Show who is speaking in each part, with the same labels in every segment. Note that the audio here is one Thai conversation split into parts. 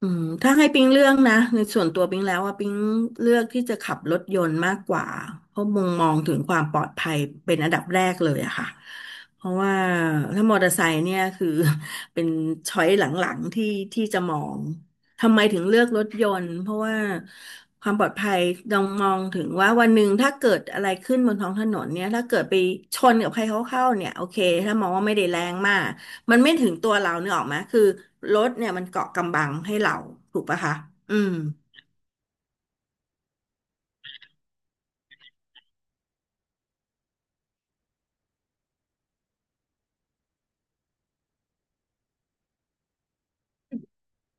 Speaker 1: ถ้าให้ปิ๊งเลือกนะในส่วนตัวปิ๊งแล้วว่าปิ๊งเลือกที่จะขับรถยนต์มากกว่าเพราะมุมมองถึงความปลอดภัยเป็นอันดับแรกเลยอะค่ะเพราะว่าถ้ามอเตอร์ไซค์เนี่ยคือ เป็นช้อยหลังๆที่จะมองทำไมถึงเลือกรถยนต์เพราะว่าความปลอดภัยต้องมองถึงว่าวันหนึ่งถ้าเกิดอะไรขึ้นบนท้องถนนเนี่ยถ้าเกิดไปชนกับใครเขาเข้าเนี่ยโอเคถ้ามองว่าไม่ได้แรงมาก มันไม่ถึงตัวเราเนกออกไหมคือรถเนี่ยมันเกาะกำบังให้เราถูกปะคะอืม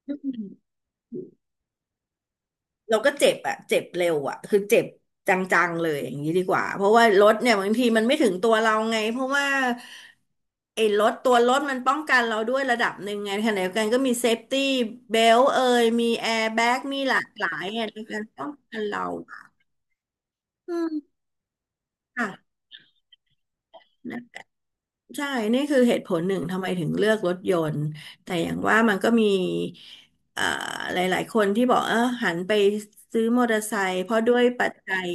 Speaker 1: อืมเราก็เจ็บอะเจ็บเร็วอะคือเจ็บจังๆเลยอย่างนี้ดีกว่า เพราะว่ารถเนี่ยบางทีมันไม่ถึงตัวเราไง เพราะว่าไอ้รถตัวรถมันป้องกันเราด้วยระดับหนึ่งไงขณะเดียวกันก็มีเซฟตี้เบลเอยมีแอร์แบ็กมีหลากหลายไงในการป้องกันเราอืมค่ะ ใช่ นี่คือเหตุผลหนึ่งทำไมถึงเลือกรถยนต์ แต่อย่างว่ามันก็มีเอ่อหลายๆคนที่บอกเออหันไปซื้อมอเตอร์ไซค์เพราะด้วยปัจจัย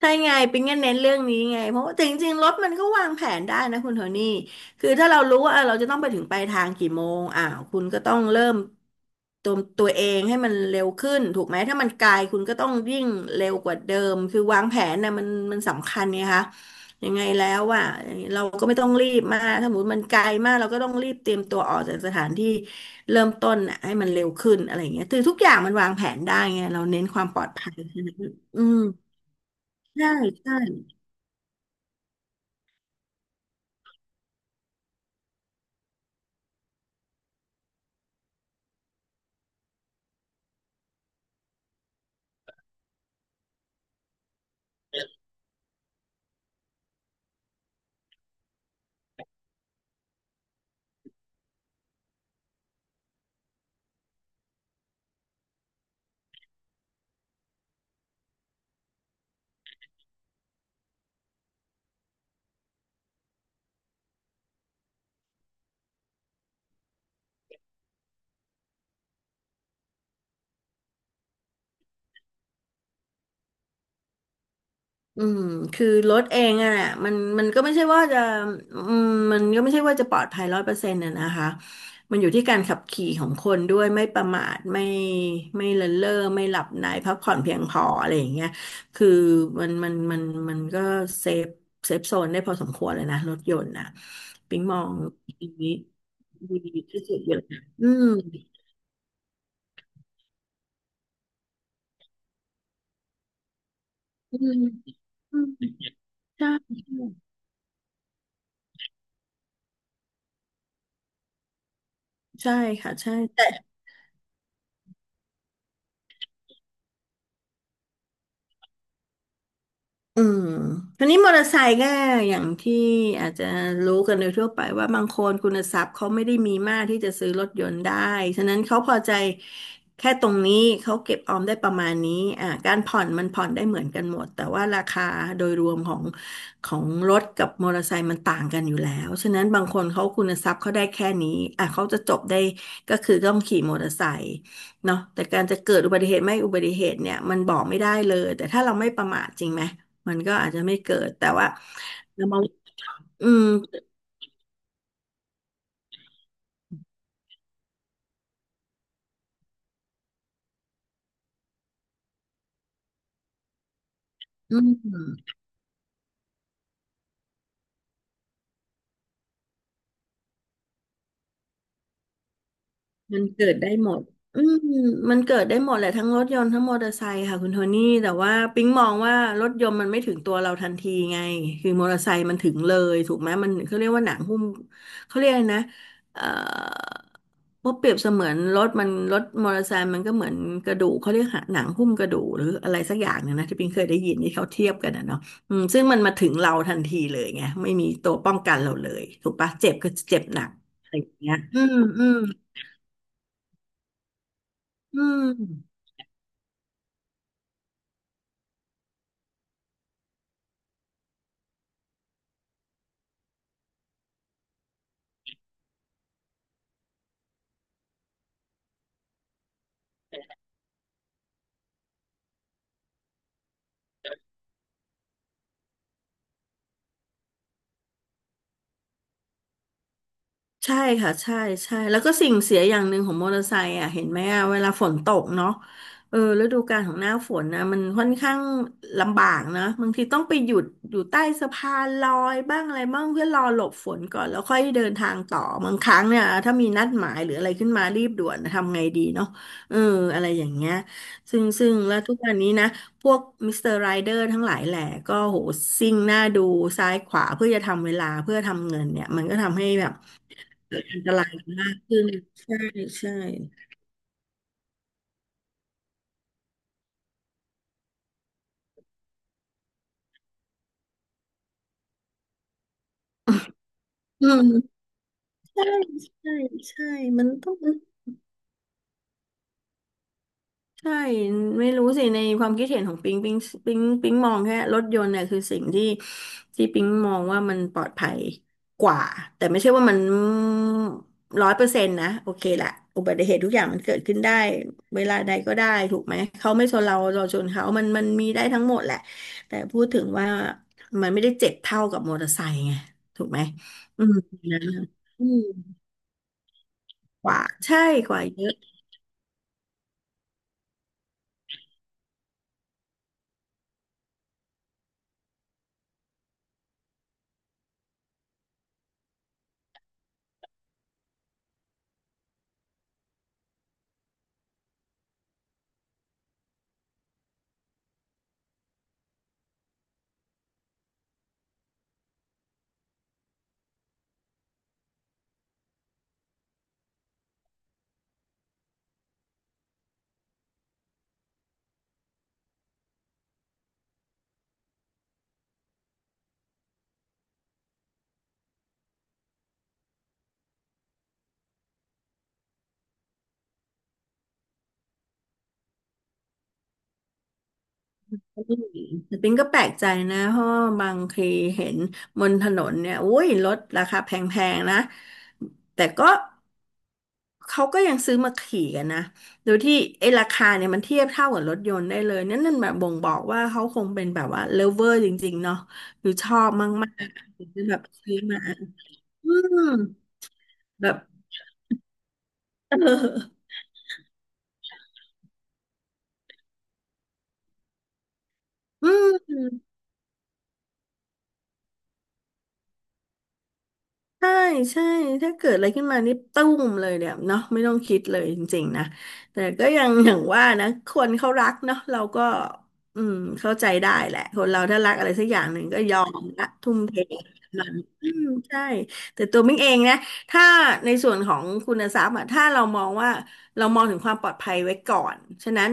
Speaker 1: ใช่ไงปิ๊งก็เน้นเรื่องนี้ไงเพราะว่าแต่จริงๆรถมันก็วางแผนได้นะคุณโทนี่คือถ้าเรารู้ว่าเออเราจะต้องไปถึงปลายทางกี่โมงอ่าวคุณก็ต้องเริ่มตัวเองให้มันเร็วขึ้นถูกไหมถ้ามันไกลคุณก็ต้องยิ่งเร็วกว่าเดิมคือวางแผนนะมันสำคัญไงคะยังไงแล้วอ่ะเราก็ไม่ต้องรีบมากถ้าสมมติมันไกลมากเราก็ต้องรีบเตรียมตัวออกจากสถานที่เริ่มต้นน่ะให้มันเร็วขึ้นอะไรอย่างเงี้ยคือทุกอย่างมันวางแผนได้ไงเราเน้นความปลอดภัยอืมใช่ใช่ อืมคือรถเองอะแหละมันมันก็ไม่ใช่ว่าจะอืมมันก็ไม่ใช่ว่าจะปลอดภัยร้อยเปอร์เซ็นต์ะนะคะมันอยู่ที่การขับขี่ของคนด้วยไม่ประมาทไม่เลินเล่อไม่หลับในพักผ่อนเพียงพออะไรอย่างเงี้ยคือมันมันมันมันก็เซฟเซฟโซนได้พอสมควรเลยนะรถยนต์นะปิ๊งมองดีดีที่สุดอยู่แล้วอืมอืมอืมใช่ใช่ใช่ค่ะใช่แต่ อืมทีนี้มอเตอร์ไซค์ก็อย่างที่อาจจะรู้กันโดยทั่วไปว่าบางคนคุณทรัพย์เขาไม่ได้มีมากที่จะซื้อรถยนต์ได้ฉะนั้นเขาพอใจแค่ตรงนี้เขาเก็บออมได้ประมาณนี้อ่าการผ่อนมันผ่อนได้เหมือนกันหมดแต่ว่าราคาโดยรวมของรถกับมอเตอร์ไซค์มันต่างกันอยู่แล้ว ฉะนั้นบางคนเขาคุณทรัพย์เขาได้แค่นี้อ่าเขาจะจบได้ก็คือต้องขี่มอเตอร์ไซค์เนาะแต่การจะเกิดอุบัติเหตุไม่อุบัติเหตุเนี่ยมันบอกไม่ได้เลยแต่ถ้าเราไม่ประมาทจริงไหม มันก็อาจจะไม่เกิดแต่ว่าเรามองอืมอืม มันเกิดได้หมดอืมมันเกิดได้หมดแหละทั้งรถยนต์ทั้งมอเตอร์ไซค์ค่ะคุณโทนี่แต่ว่าปิ๊งมองว่ารถยนต์มันไม่ถึงตัวเราทันทีไงคือมอเตอร์ไซค์มันถึงเลยถูกไหมมันเขาเรียกว่าหนังหุ้มเขาเรียกอะไรนะเอ่อเพราะเปรียบเสมือนรถมอเตอร์ไซค์มันก็เหมือนกระดูกเขาเรียกหนังหุ้มกระดูกหรืออะไรสักอย่างหนึงนะที่ปิ๊งเคยได้ยินที่เขาเทียบกันนะเนาะอืมซึ่งมันมาถึงเราทันทีเลยไงไม่มีตัวป้องกันเราเลยถูกปะเจ็บก็เจ็บหนักอะไรอย่างเงี้ยอืมอืม อืม ใช่ค่ะใช่ใช่แล้วก็สิ่งเสียอย่างหนึ่งของมอเตอร์ไซค์อ่ะเห็นไหมอ่ะเวลาฝนตกเนาะเออฤดูกาลของหน้าฝนนะมันค่อนข้างลำบากนะบางทีต้องไปหยุดอยู่ใต้สะพานลอยบ้างอะไรบ้างเพื่อรอหลบฝนก่อนแล้วค่อยเดินทางต่อบางครั้งเนี่ยถ้ามีนัดหมายหรืออะไรขึ้นมารีบด่วนนะทำไงดีเนาะเอออะไรอย่างเงี้ยซึ่งแล้วทุกวันนี้นะพวกมิสเตอร์ไรเดอร์ทั้งหลายแหล่ก็โหซิ่งหน้าดูซ้ายขวาเพื่อจะทำเวลาเพื่อทำเงินเนี่ยมันก็ทำให้แบบ อันตรายมากขึ้นใช่ใช่อืมใช่ใช่ใช่มันต้อง ใช่ไม่รู้สิในความคิดเห็นของปิงปิงปิงปิงมองแค่รถยนต์เนี่ยคือสิ่งที่ปิงมองว่ามันปลอดภัยกว่าแต่ไม่ใช่ว่ามัน100%นะโอเคแหละอุบัติเหตุทุกอย่างมันเกิดขึ้นได้เวลาใดก็ได้ถูกไหมเขาไม่ชนเราเราชนเขามันมีได้ทั้งหมดแหละแต่พูดถึงว่ามันไม่ได้เจ็บเท่ากับมอเตอร์ไซค์ไงถูกไหมอืมนะอืมกว่าใช่กว่าเยอะ อืมแต่ปิงก็แปลกใจนะเพราะว่าบางทีเห็นบนถนนเนี่ยอุ้ยรถราคาแพงๆนะแต่ก็เขาก็ยังซื้อมาขี่กันนะโดยที่ไอ้ราคาเนี่ยมันเทียบเท่ากับรถยนต์ได้เลยนั่นแบบบ่งบอกว่าเขาคงเป็นแบบว่าเลิฟเวอร์จริงๆเนาะหรือชอบมากๆถึงจะแบบซื้อมาอืมแบบ เอออืม ใช่ใช่ถ้าเกิดอะไรขึ้นมานี่ตุ้มเลยเนี่ยเนาะไม่ต้องคิดเลยจริงๆนะแต่ก็ยังอย่างว่านะคนเขารักเนาะเราก็อืมเข้าใจได้แหละคนเราถ้ารักอะไรสักอย่างหนึ่งก็ยอมละทุ่มเทมันอืมใช่แต่ตัวมิ้งเองนะถ้าในส่วนของคุณทรัพย์อะถ้าเรามองว่า เรามองถึงความปลอดภัยไว้ก่อน ฉะนั้น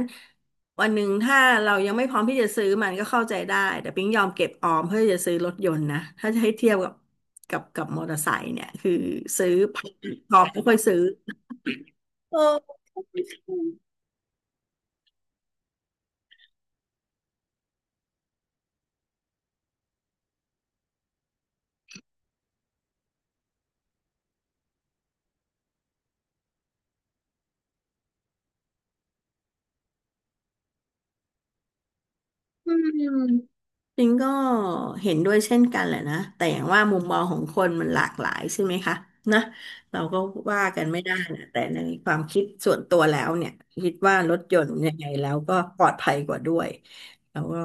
Speaker 1: วันหนึ่งถ้าเรายังไม่พร้อมที่จะซื้อมันก็เข้าใจได้ แต่ปิ๊งยอมเก็บออมเพื่อจะซื้อรถยนต์นะ ถ้าจะให้เทียบกับกับมอเตอร์ไซค์เนี่ยคือซื้อพอไม่ค่อยซื้อเออ จริงก็เห็นด้วยเช่นกันแหละนะแต่อย่างว่ามุมมองของคนมันหลากหลายใช่ไหมคะนะเราก็ว่ากันไม่ได้นะแต่ในความคิดส่วนตัวแล้วเนี่ยคิดว่ารถยนต์ยังไงแล้วก็ปลอดภัยกว่าด้วยแล้วก็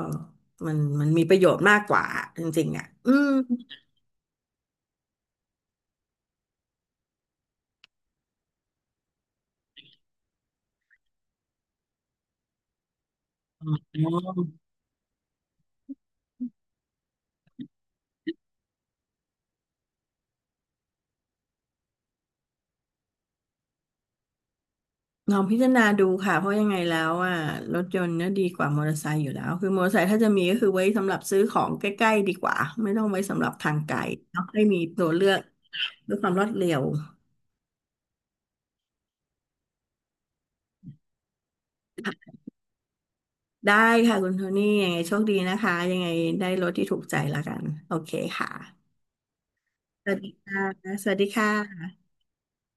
Speaker 1: มันมีประโยชน์มากกว่าจริงๆอ่ะอืมอ๋อ ลองพิจารณาดูค่ะเพราะยังไงแล้วอ่ะรถยนต์เนี่ยดีกว่ามอเตอร์ไซค์อยู่แล้วคือมอเตอร์ไซค์ถ้าจะมีก็คือไว้สำหรับซื้อของใกล้ๆดีกว่าไม่ต้องไว้สำหรับทางไกลเนาะให้มีตัวเลือกด้วยความรวดเร็วได้ค่ะคุณโทนี่ยังไงโชคดีนะคะยังไงได้รถที่ถูกใจแล้วกันโอเคค่ะสวัสดีค่ะสวัสดีค่ะ